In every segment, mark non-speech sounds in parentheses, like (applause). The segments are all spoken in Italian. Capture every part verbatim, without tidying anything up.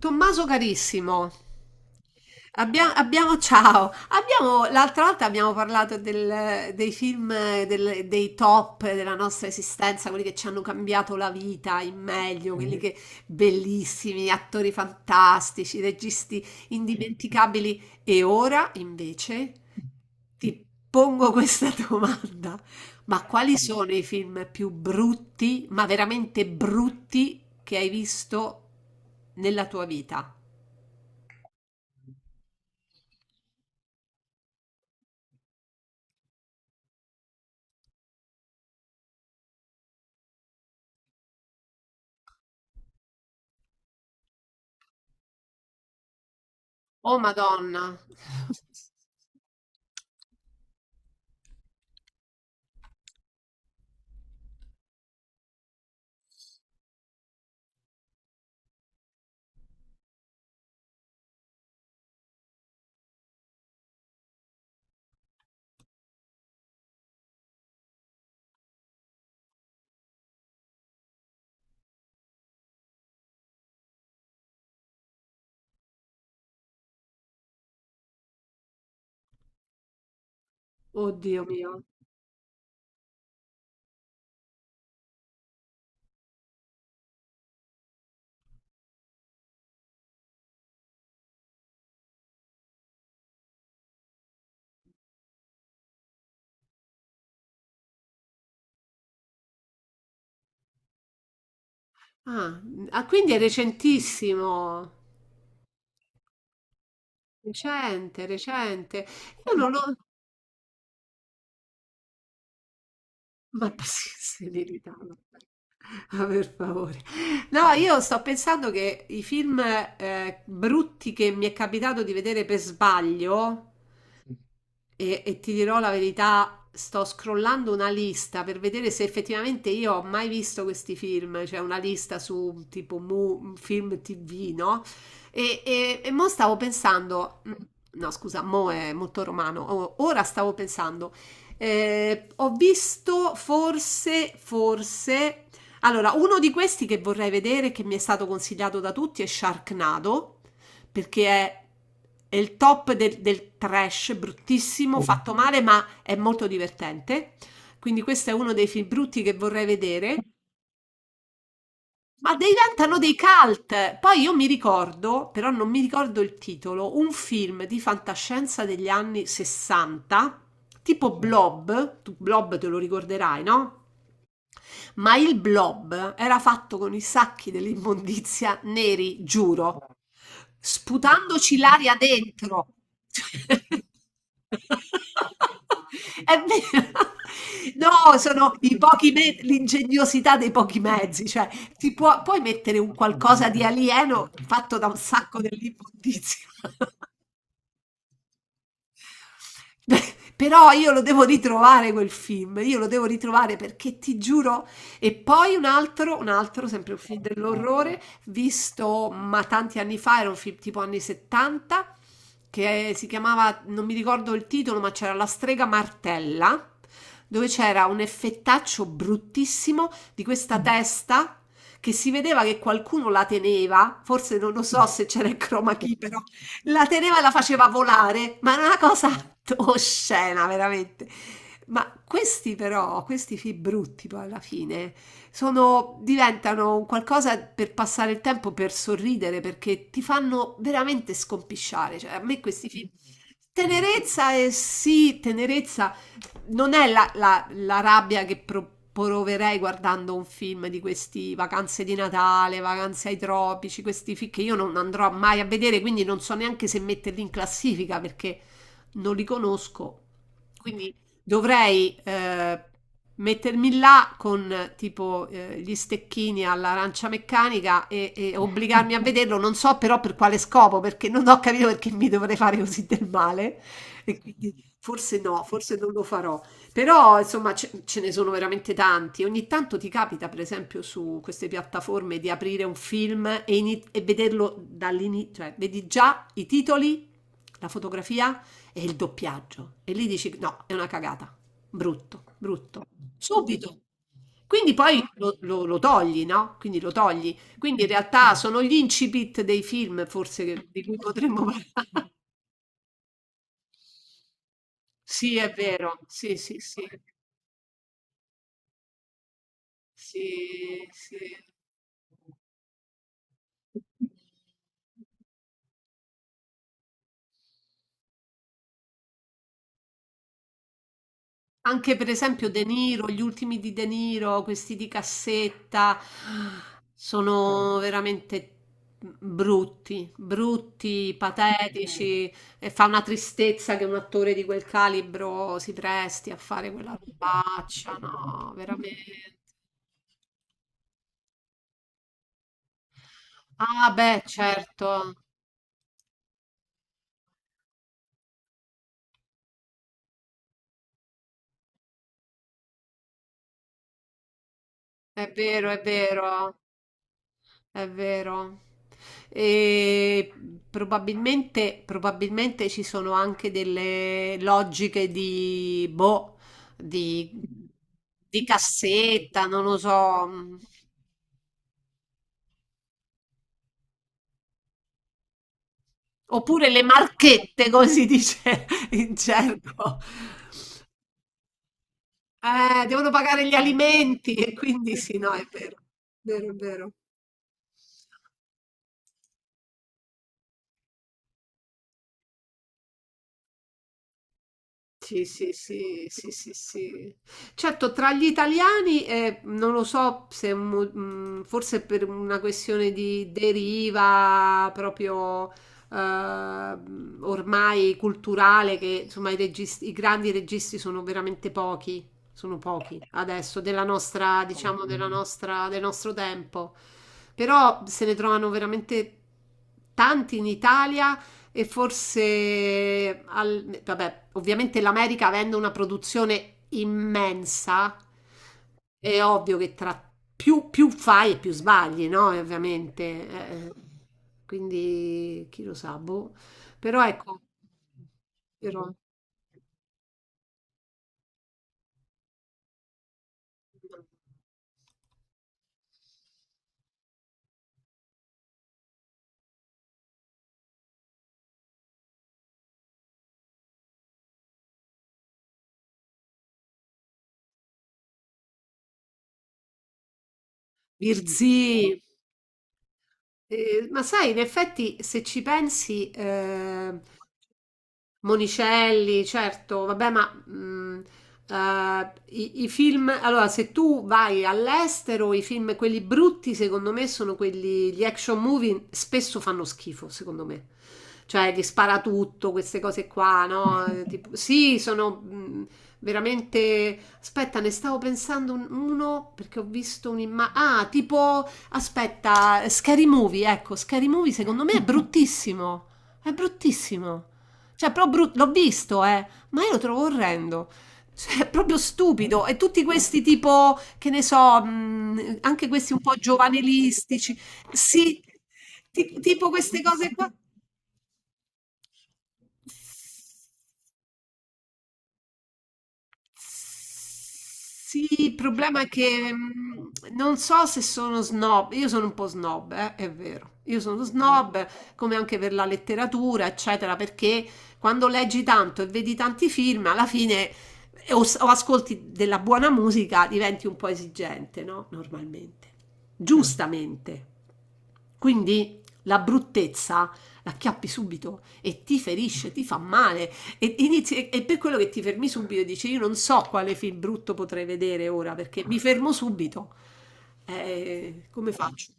Tommaso carissimo, abbia- abbiamo, ciao, abbiamo, l'altra volta abbiamo parlato del- dei film, eh, del- dei top della nostra esistenza, quelli che ci hanno cambiato la vita in meglio, quelli che bellissimi, attori fantastici, registi indimenticabili. E ora invece ti pongo questa (laughs) domanda. Ma quali sono i film più brutti, ma veramente brutti, che hai visto nella tua vita? Oh Madonna, oddio mio. Ah, ah, quindi è recentissimo. Recente, recente. Io non ho... Ma (laughs) sì, serenità, vabbè. Ah, per favore. No, io sto pensando che i film eh, brutti che mi è capitato di vedere per sbaglio, E, e ti dirò la verità, sto scrollando una lista per vedere se effettivamente io ho mai visto questi film. C'è una lista su tipo mu- film ti vu, no? E, e, e mo stavo pensando, no scusa, mo è molto romano. O- ora stavo pensando, eh, ho visto forse, forse, allora uno di questi che vorrei vedere, che mi è stato consigliato da tutti, è Sharknado, perché è, è il top del, del trash, bruttissimo, fatto male, ma è molto divertente. Quindi questo è uno dei film brutti che vorrei vedere. Ma diventano dei cult. Poi io mi ricordo, però non mi ricordo il titolo, un film di fantascienza degli anni sessanta, tipo Blob. Tu Blob te lo ricorderai, no? Ma il blob era fatto con i sacchi dell'immondizia neri, giuro, sputandoci l'aria dentro. (laughs) È vero. No, sono i pochi me- l'ingegnosità dei pochi mezzi, cioè ti può- puoi mettere un qualcosa di alieno fatto da un sacco dell'immondizia. (laughs) (laughs) Però io lo devo ritrovare quel film, io lo devo ritrovare perché ti giuro. E poi un altro, un altro, sempre un film dell'orrore, visto ma tanti anni fa, era un film tipo anni settanta, che si chiamava, non mi ricordo il titolo, ma c'era La strega martella, dove c'era un effettaccio bruttissimo di questa testa che si vedeva che qualcuno la teneva, forse non lo so se c'era il chroma key, però la teneva e la faceva volare, ma è una cosa (laughs) oscena, veramente. Ma questi però, questi film brutti poi alla fine, sono, diventano un qualcosa per passare il tempo, per sorridere, perché ti fanno veramente scompisciare. Cioè, a me questi film... Tenerezza e sì, tenerezza non è la, la- la rabbia che pro- proverei guardando un film di questi, vacanze di Natale, vacanze ai tropici, questi film che io non andrò mai a vedere, quindi non so neanche se metterli in classifica perché non li conosco. Quindi dovrei eh, mettermi là con eh, tipo eh, gli stecchini all'arancia meccanica e, e obbligarmi a vederlo. Non so però per quale scopo, perché non ho capito perché mi dovrei fare così del male. E quindi forse no, forse non lo farò, però insomma ce, ce ne sono veramente tanti. Ogni tanto ti capita, per esempio, su queste piattaforme di aprire un film e, ini- e vederlo dall'inizio, cioè vedi già i titoli, la fotografia e il doppiaggio e lì dici no, è una cagata, brutto, brutto, subito. Quindi poi lo, lo- lo togli, no? Quindi lo togli. Quindi in realtà sono gli incipit dei film, forse, che- di cui potremmo parlare. (laughs) Sì, è vero, sì, sì, sì. Sì, sì. Anche per esempio De Niro, gli ultimi di De Niro, questi di cassetta, sono veramente brutti, brutti, patetici, e fa una tristezza che un attore di quel calibro si presti a fare quella robaccia, no, veramente. Ah, beh, certo, è vero, è vero. È vero. E probabilmente, probabilmente ci sono anche delle logiche di, boh, di, di cassetta, non lo so, mh, oppure le marchette, come si dice (laughs) in gergo. Eh, devono pagare gli alimenti e quindi sì, no, è vero, vero, vero. Sì, sì, sì, sì, sì, sì. Certo, tra gli italiani, eh, non lo so se mo- mh, forse per una questione di deriva proprio eh, ormai culturale, che insomma i registi- i grandi registi sono veramente pochi, sono pochi adesso, della nostra, diciamo, della nostra, del nostro tempo. Però se ne trovano veramente tanti in Italia e forse, al- vabbè, ovviamente l'America, avendo una produzione immensa, è ovvio che tra più, più fai e più sbagli, no? E ovviamente, eh, quindi chi lo sa, boh. Però ecco, però, Virzì, eh, ma sai, in effetti, se ci pensi, eh, Monicelli, certo, vabbè, ma mh, eh, i, i film, allora se tu vai all'estero, i film, quelli brutti, secondo me, sono quelli, gli action movie spesso fanno schifo, secondo me. Cioè, gli spara tutto, queste cose qua, no? Eh, tipo- sì, sono mh, veramente... Aspetta, ne stavo pensando un- uno perché ho visto un'immagine... Ah, tipo... Aspetta, Scary Movie, ecco, Scary Movie secondo me è bruttissimo. È bruttissimo. Cioè, però brut- l'ho visto, eh, ma io lo trovo orrendo. Cioè, è proprio stupido. E tutti questi tipo, che ne so, mh, anche questi un po' giovanilistici. Sì, ti- tipo queste cose qua. Sì, il problema è che mh, non so se sono snob, io sono un po' snob, eh, è vero, io sono, mm, snob, come anche per la letteratura, eccetera, perché quando leggi tanto e vedi tanti film, alla fine eh, o, s- o ascolti della buona musica, diventi un po' esigente, no? Normalmente, sì, giustamente. Quindi la bruttezza la acchiappi subito e ti ferisce, ti fa male. E, inizi- e per quello che ti fermi subito e dici io non so quale film brutto potrei vedere ora perché mi fermo subito. Eh, come faccio?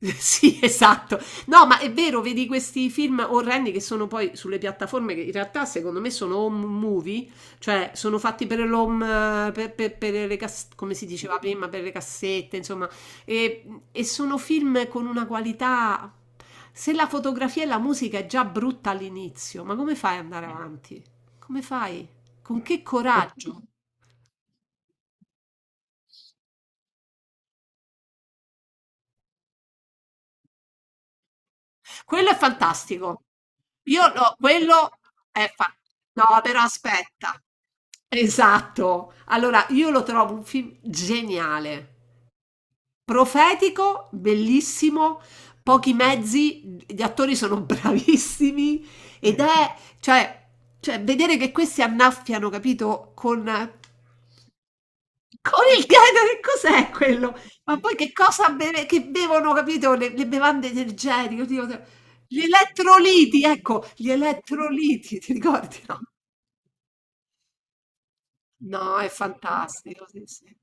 (laughs) Sì, esatto. No, ma è vero, vedi questi film orrendi che sono poi sulle piattaforme che in realtà secondo me sono home movie, cioè sono fatti per l'home, eh, per, per- per le cas- come si diceva prima, per le cassette, insomma, e, e sono film con una qualità... Se la fotografia e la musica è già brutta all'inizio, ma come fai ad andare avanti? Come fai? Con che coraggio? Quello è fantastico. Io no, quello è fa- no, però aspetta. Esatto. Allora, io lo trovo un film geniale, profetico, bellissimo, pochi mezzi, gli attori sono (laughs) bravissimi ed, mm, è, cioè, cioè, vedere che questi annaffiano, capito, con con il Gatorade cos'è quello? Ma poi che cosa beve che bevono, capito, le le bevande energetiche, oddio d gli elettroliti, ecco, gli elettroliti, ti ricordi, no? No, è fantastico, sì, sì.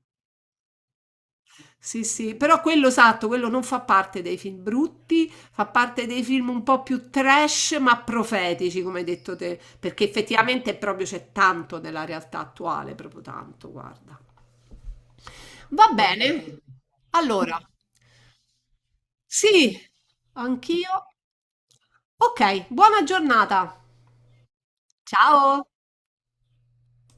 Sì, sì, però quello esatto, quello non fa parte dei film brutti, fa parte dei film un po' più trash, ma profetici, come hai detto te, perché effettivamente proprio c'è tanto della realtà attuale, proprio tanto, guarda. Va bene. Allora, sì, anch'io. Ok, buona giornata. Ciao.